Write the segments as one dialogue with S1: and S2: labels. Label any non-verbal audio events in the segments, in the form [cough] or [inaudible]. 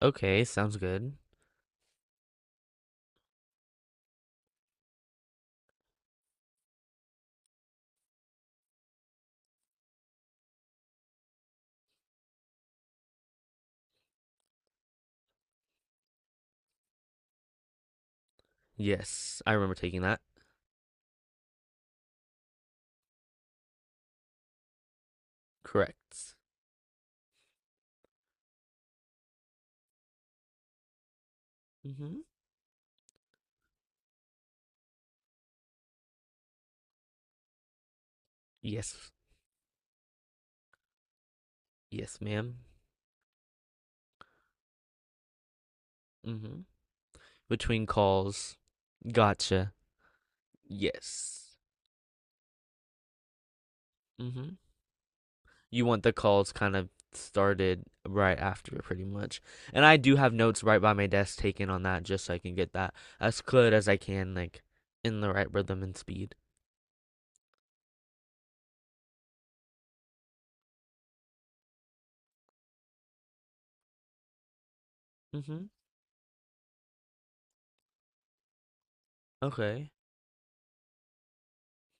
S1: Okay, sounds good. Yes, I remember taking that. Correct. Mm-hmm. Yes. Yes, ma'am. Mm-hmm. Between calls. Gotcha. Yes. Mm-hmm. You want the calls kind of started right after, pretty much. And I do have notes right by my desk taken on that just so I can get that as good as I can, like in the right rhythm and speed. Mm-hmm. Okay.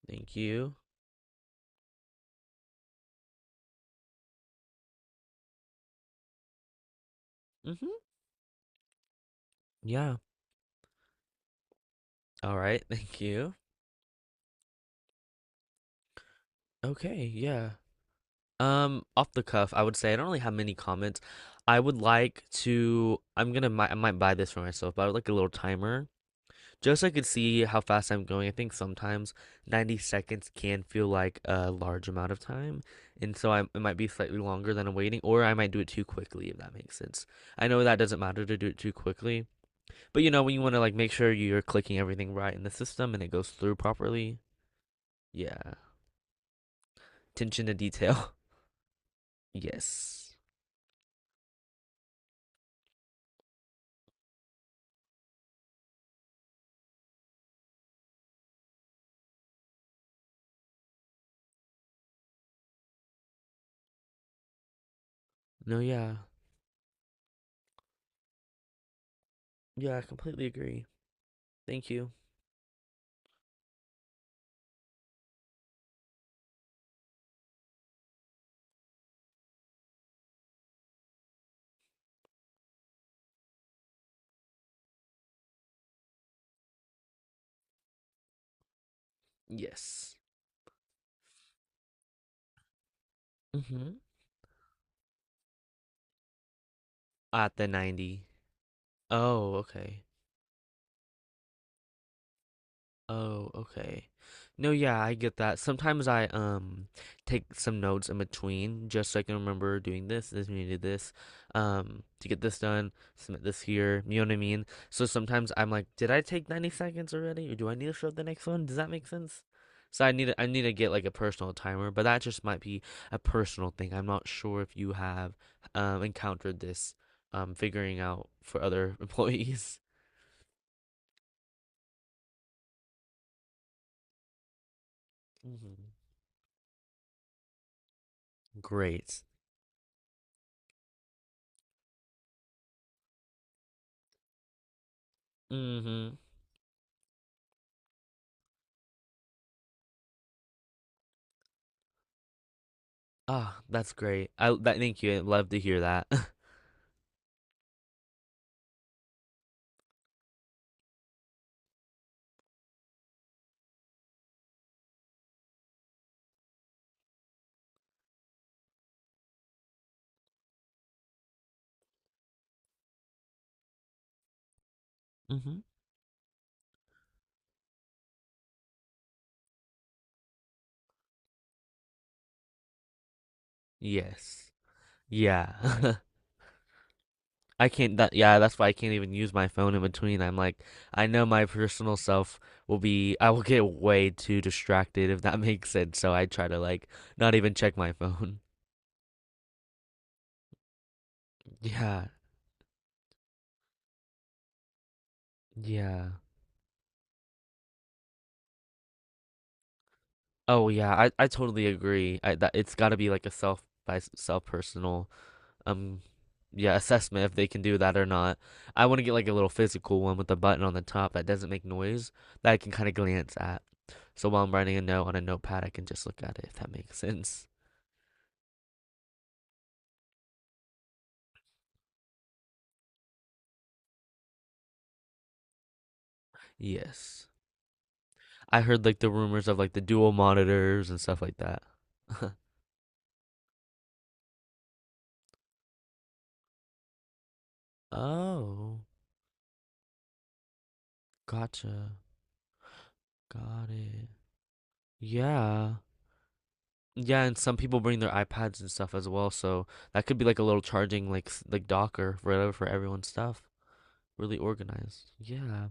S1: Thank you. Mm-hmm. Yeah. All right. [laughs] Thank you. Okay. Yeah. Off the cuff, I would say I don't really have many comments. I would like to. I'm gonna. I might buy this for myself, but I would like a little timer just so I could see how fast I'm going. I think sometimes 90 seconds can feel like a large amount of time, and so it might be slightly longer than I'm waiting, or I might do it too quickly if that makes sense. I know that doesn't matter to do it too quickly, but you know when you want to like make sure you're clicking everything right in the system and it goes through properly. Yeah, attention to detail. [laughs] Yes. No. Yeah. Yeah, I completely agree. Thank you. Yes. Mm-hmm. At the 90. Oh, okay. Oh, okay. No, yeah, I get that. Sometimes I take some notes in between just so I can remember doing this, this needed this, to get this done, submit this here, you know what I mean? So sometimes I'm like, did I take 90 seconds already? Or do I need to show up the next one? Does that make sense? So I need to get like a personal timer, but that just might be a personal thing. I'm not sure if you have encountered this figuring out for other [laughs] employees. Hmm. Great. Hmm. Ah, that's great. I that thank you. I love to hear that. [laughs] Hmm. Yes. Yeah. [laughs] I can't that yeah, that's why I can't even use my phone in between. I'm like, I know my personal self will be I will get way too distracted if that [laughs] makes sense. So I try to like not even check my phone. [laughs] Yeah. Yeah. Oh yeah, I totally agree. I that it's got to be like a self personal um yeah, assessment if they can do that or not. I want to get like a little physical one with a button on the top that doesn't make noise that I can kind of glance at. So while I'm writing a note on a notepad, I can just look at it if that makes [laughs] sense. Yes. I heard like the rumors of like the dual monitors and stuff like that. [laughs] Oh, gotcha. Got it. Yeah. Yeah, and some people bring their iPads and stuff as well, so that could be like a little charging like Docker for everyone's stuff. Really organized. Yeah.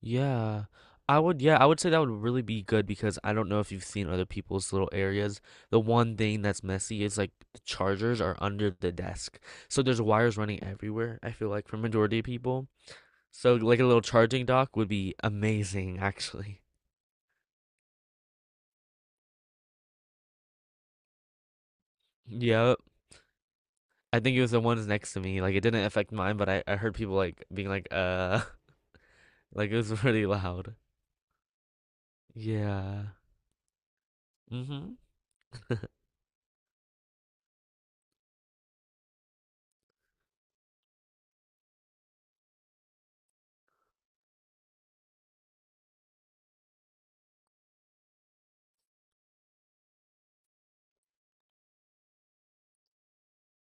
S1: Yeah. I would say that would really be good because I don't know if you've seen other people's little areas. The one thing that's messy is like the chargers are under the desk. So there's wires running everywhere, I feel like for majority of people. So like a little charging dock would be amazing actually. [laughs] Yep. I think it was the ones next to me. Like it didn't affect mine, but I heard people like being like [laughs] like it was [laughs] pretty loud. Yeah. Mm-hmm. Mm-hmm.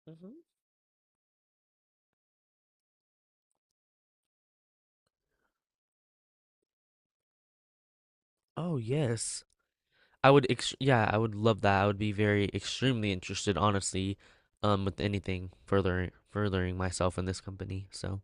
S1: [laughs] Oh yes. I would love that. I would be very extremely interested, honestly, with anything furthering myself in this company. So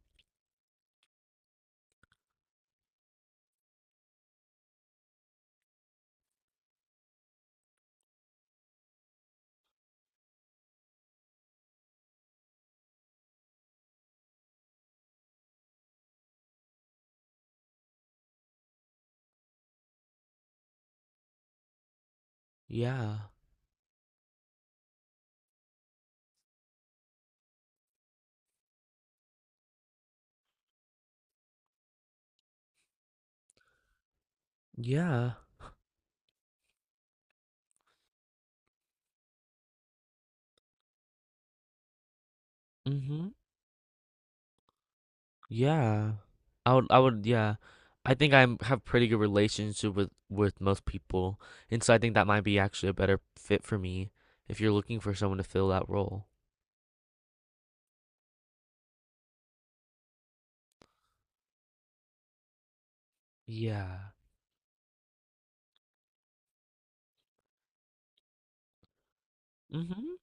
S1: yeah, yeah, mm-hmm, yeah. Yeah. I think I have pretty good relationship with most people, and so I think that might be actually a better fit for me if you're looking for someone to fill that role. Yeah. Mm-hmm.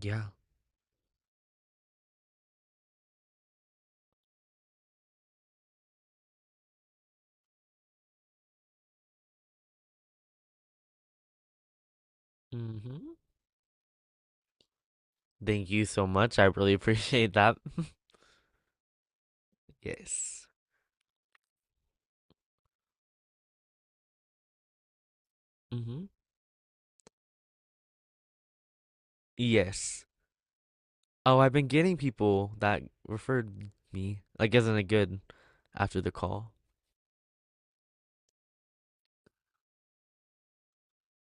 S1: Yeah. Mm-hmm. Thank you so much. I really appreciate that. [laughs] Yes. Mm-hmm. Yes. Oh, I've been getting people that referred me, like isn't it good after the call.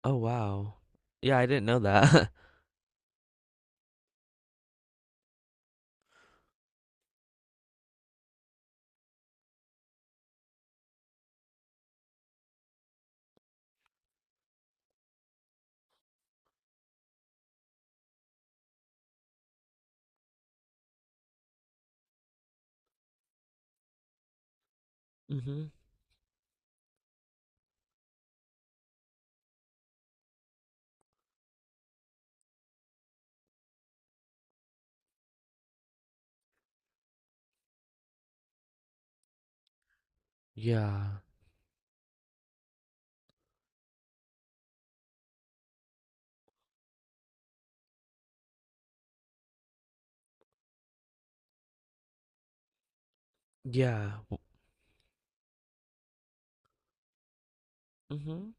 S1: Oh, wow. Yeah, I didn't know that. [laughs] Hmm. Yeah. Yeah. Mm-hmm.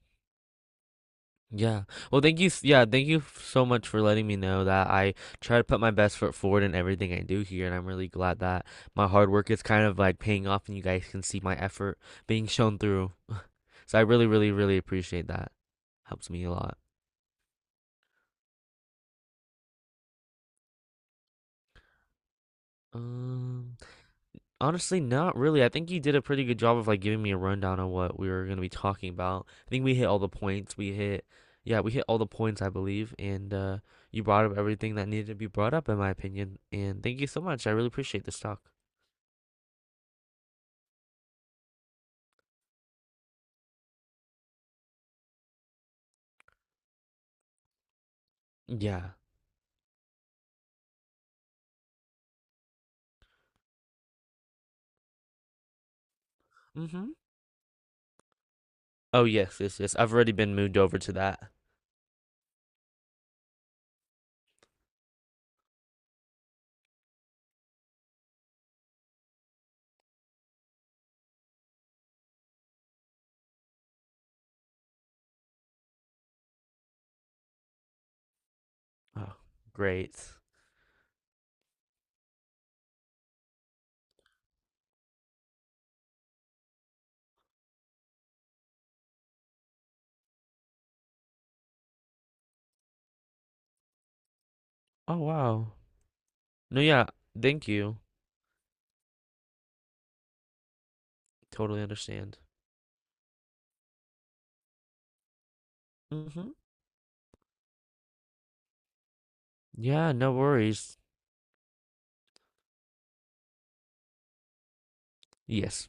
S1: Yeah. Well, thank you. Yeah, thank you so much for letting me know that I try to put my best foot forward in everything I do here, and I'm really glad that my hard work is kind of like paying off, and you guys can see my effort being shown through. [laughs] So I really, really, really appreciate that. Helps me a lot. Um. Honestly, not really. I think you did a pretty good job of like giving me a rundown on what we were gonna be talking about. I think we hit all the points. We hit, yeah, we hit all the points, I believe, and you brought up everything that needed to be brought up, in my opinion. And thank you so much. I really appreciate this talk. Yeah. Mm-hmm. Oh yes, yes, yes. I've already been moved over to that. Oh, great. Oh wow. No, yeah. Thank you. Totally understand. Mm-hmm. Yeah. No worries. Yes.